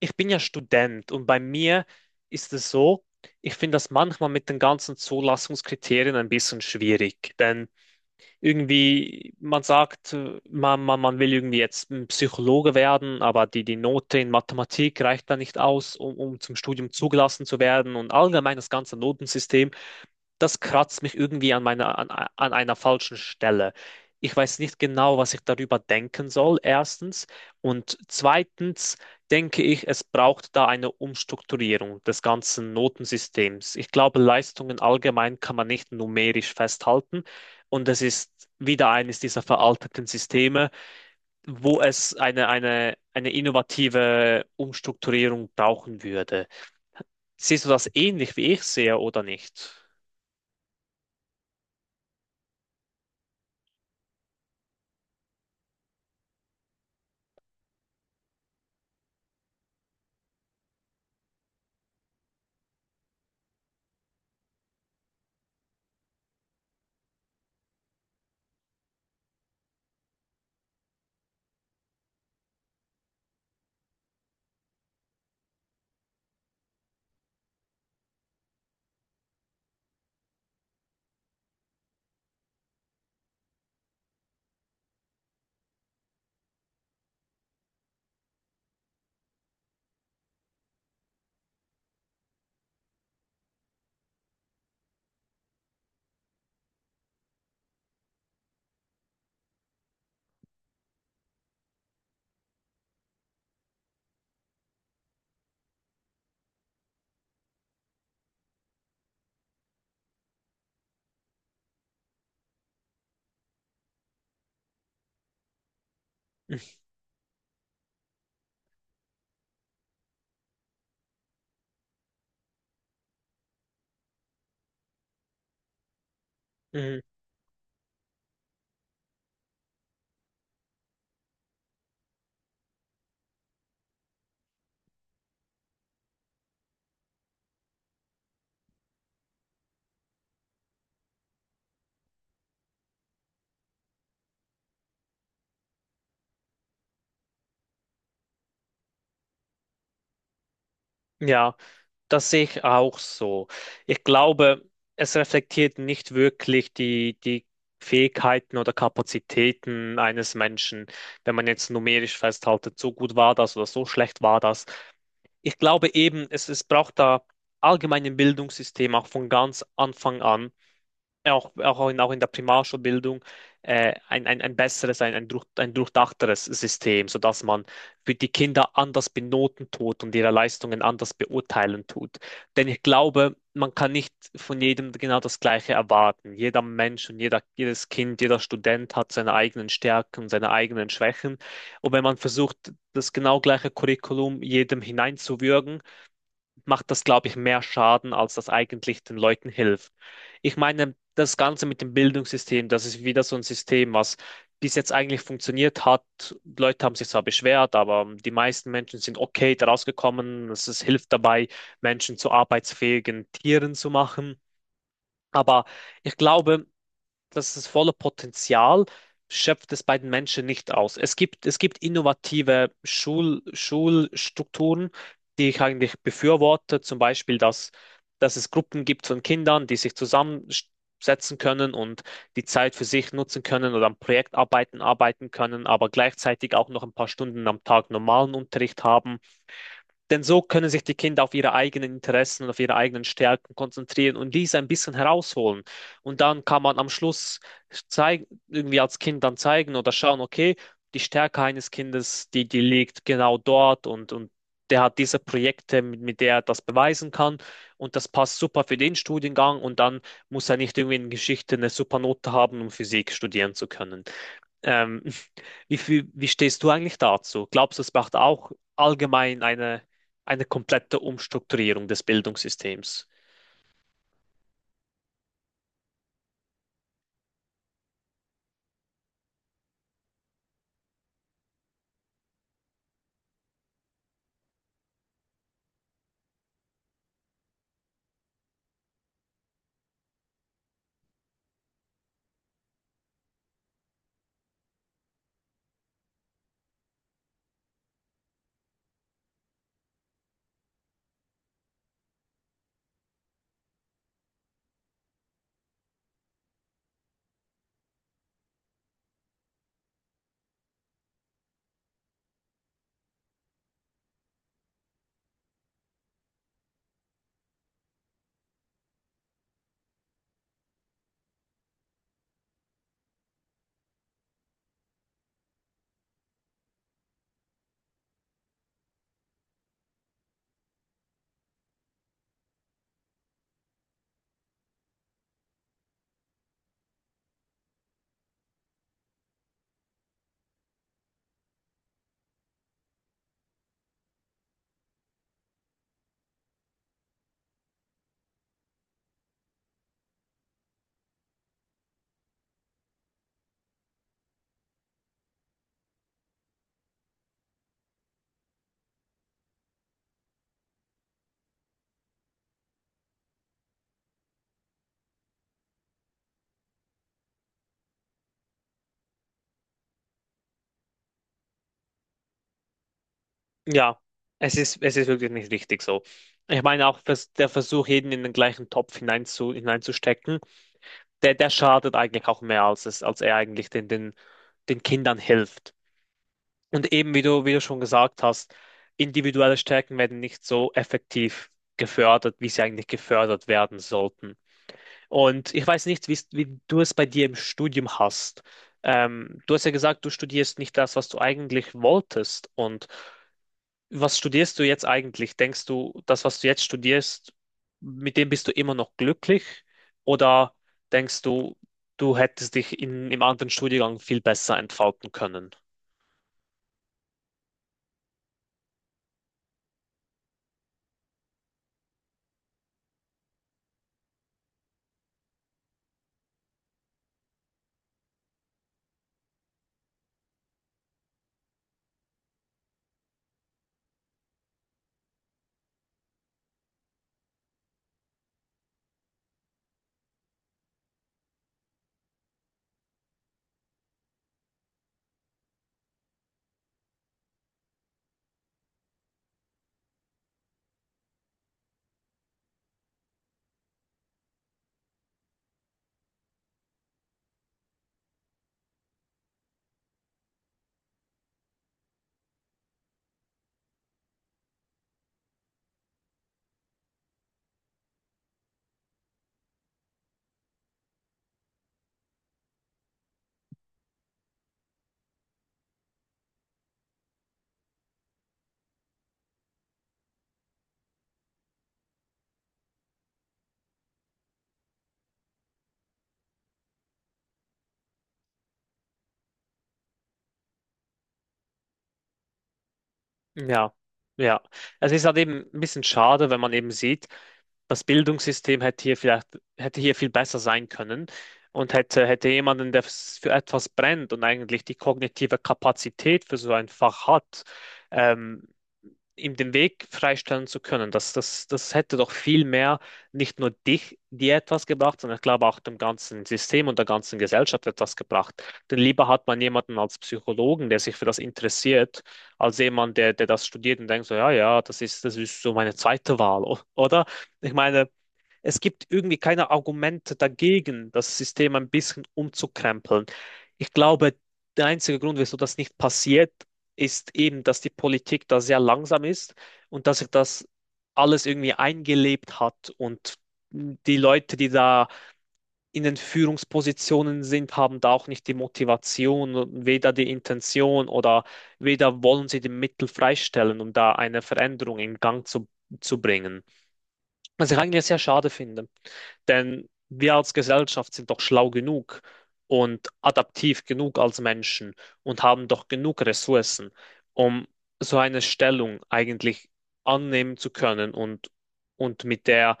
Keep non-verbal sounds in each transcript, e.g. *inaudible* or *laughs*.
Ich bin ja Student und bei mir ist es so, ich finde das manchmal mit den ganzen Zulassungskriterien ein bisschen schwierig. Denn irgendwie, man sagt, man will irgendwie jetzt ein Psychologe werden, aber die Note in Mathematik reicht da nicht aus, um zum Studium zugelassen zu werden. Und allgemein das ganze Notensystem, das kratzt mich irgendwie an an einer falschen Stelle. Ich weiß nicht genau, was ich darüber denken soll, erstens. Und zweitens denke ich, es braucht da eine Umstrukturierung des ganzen Notensystems. Ich glaube, Leistungen allgemein kann man nicht numerisch festhalten. Und es ist wieder eines dieser veralteten Systeme, wo es eine innovative Umstrukturierung brauchen würde. Siehst du das ähnlich wie ich sehe oder nicht? Mhm. Ja. Das sehe ich auch so. Ich glaube, es reflektiert nicht wirklich die Fähigkeiten oder Kapazitäten eines Menschen, wenn man jetzt numerisch festhaltet, so gut war das oder so schlecht war das. Ich glaube eben, es braucht da allgemein im Bildungssystem auch von ganz Anfang an auch in der Primarschulbildung ein besseres, ein durchdachteres System, sodass man für die Kinder anders benoten tut und ihre Leistungen anders beurteilen tut. Denn ich glaube, man kann nicht von jedem genau das Gleiche erwarten. Jeder Mensch und jedes Kind, jeder Student hat seine eigenen Stärken, seine eigenen Schwächen. Und wenn man versucht, das genau gleiche Curriculum jedem hineinzuwürgen, macht das, glaube ich, mehr Schaden, als das eigentlich den Leuten hilft. Ich meine, das Ganze mit dem Bildungssystem, das ist wieder so ein System, was bis jetzt eigentlich funktioniert hat. Leute haben sich zwar beschwert, aber die meisten Menschen sind okay daraus gekommen. Es hilft dabei, Menschen zu arbeitsfähigen Tieren zu machen. Aber ich glaube, das ist volle Potenzial, schöpft es bei den Menschen nicht aus. Es gibt innovative Schulstrukturen, die ich eigentlich befürworte, zum Beispiel, dass es Gruppen gibt von Kindern, die sich zusammensetzen können und die Zeit für sich nutzen können oder an Projektarbeiten arbeiten können, aber gleichzeitig auch noch ein paar Stunden am Tag normalen Unterricht haben. Denn so können sich die Kinder auf ihre eigenen Interessen und auf ihre eigenen Stärken konzentrieren und diese ein bisschen herausholen. Und dann kann man am Schluss zeigen, irgendwie als Kind dann zeigen oder schauen, okay, die Stärke eines Kindes, die liegt genau dort und der hat diese Projekte, mit der er das beweisen kann und das passt super für den Studiengang und dann muss er nicht irgendwie in Geschichte eine super Note haben, um Physik studieren zu können. Ähm, *laughs* wie stehst du eigentlich dazu? Glaubst du, es braucht auch allgemein eine komplette Umstrukturierung des Bildungssystems? Ja, es ist wirklich nicht richtig so. Ich meine auch, dass der Versuch, jeden in den gleichen Topf hineinzustecken, der schadet eigentlich auch mehr, als es, als er eigentlich den Kindern hilft. Und eben, wie du schon gesagt hast, individuelle Stärken werden nicht so effektiv gefördert, wie sie eigentlich gefördert werden sollten. Und ich weiß nicht, wie du es bei dir im Studium hast. Du hast ja gesagt, du studierst nicht das, was du eigentlich wolltest. Und was studierst du jetzt eigentlich? Denkst du, das, was du jetzt studierst, mit dem bist du immer noch glücklich? Oder denkst du, du hättest dich im anderen Studiengang viel besser entfalten können? Ja, ja. Also, es ist halt eben ein bisschen schade, wenn man eben sieht, das Bildungssystem hätte hier vielleicht, hätte hier viel besser sein können und hätte jemanden, für etwas brennt und eigentlich die kognitive Kapazität für so ein Fach hat, ähm, ihm den Weg freistellen zu können. Das hätte doch viel mehr nicht nur dich, dir etwas gebracht, sondern ich glaube auch dem ganzen System und der ganzen Gesellschaft etwas gebracht. Denn lieber hat man jemanden als Psychologen, der sich für das interessiert, als jemand, der das studiert und denkt so, ja, ja, das ist so meine zweite Wahl, oder? Ich meine, es gibt irgendwie keine Argumente dagegen, das System ein bisschen umzukrempeln. Ich glaube, der einzige Grund, wieso das nicht passiert, ist eben, dass die Politik da sehr langsam ist und dass sich das alles irgendwie eingelebt hat und die Leute, die da in den Führungspositionen sind, haben da auch nicht die Motivation, und weder die Intention oder weder wollen sie die Mittel freistellen, um da eine Veränderung in Gang zu bringen. Was ich eigentlich sehr schade finde. Denn wir als Gesellschaft sind doch schlau genug und adaptiv genug als Menschen und haben doch genug Ressourcen, um so eine Stellung eigentlich annehmen zu können und mit der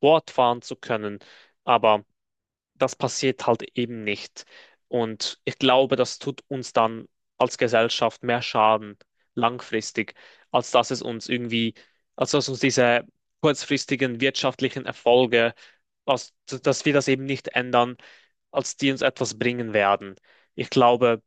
fortfahren zu können. Aber das passiert halt eben nicht. Und ich glaube, das tut uns dann als Gesellschaft mehr Schaden langfristig, als dass es uns irgendwie, als dass uns diese kurzfristigen wirtschaftlichen Erfolge, als, dass wir das eben nicht ändern, als die uns etwas bringen werden. Ich glaube,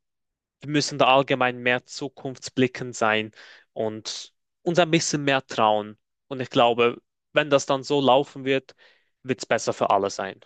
wir müssen da allgemein mehr zukunftsblickend sein und uns ein bisschen mehr trauen. Und ich glaube, wenn das dann so laufen wird, wird es besser für alle sein.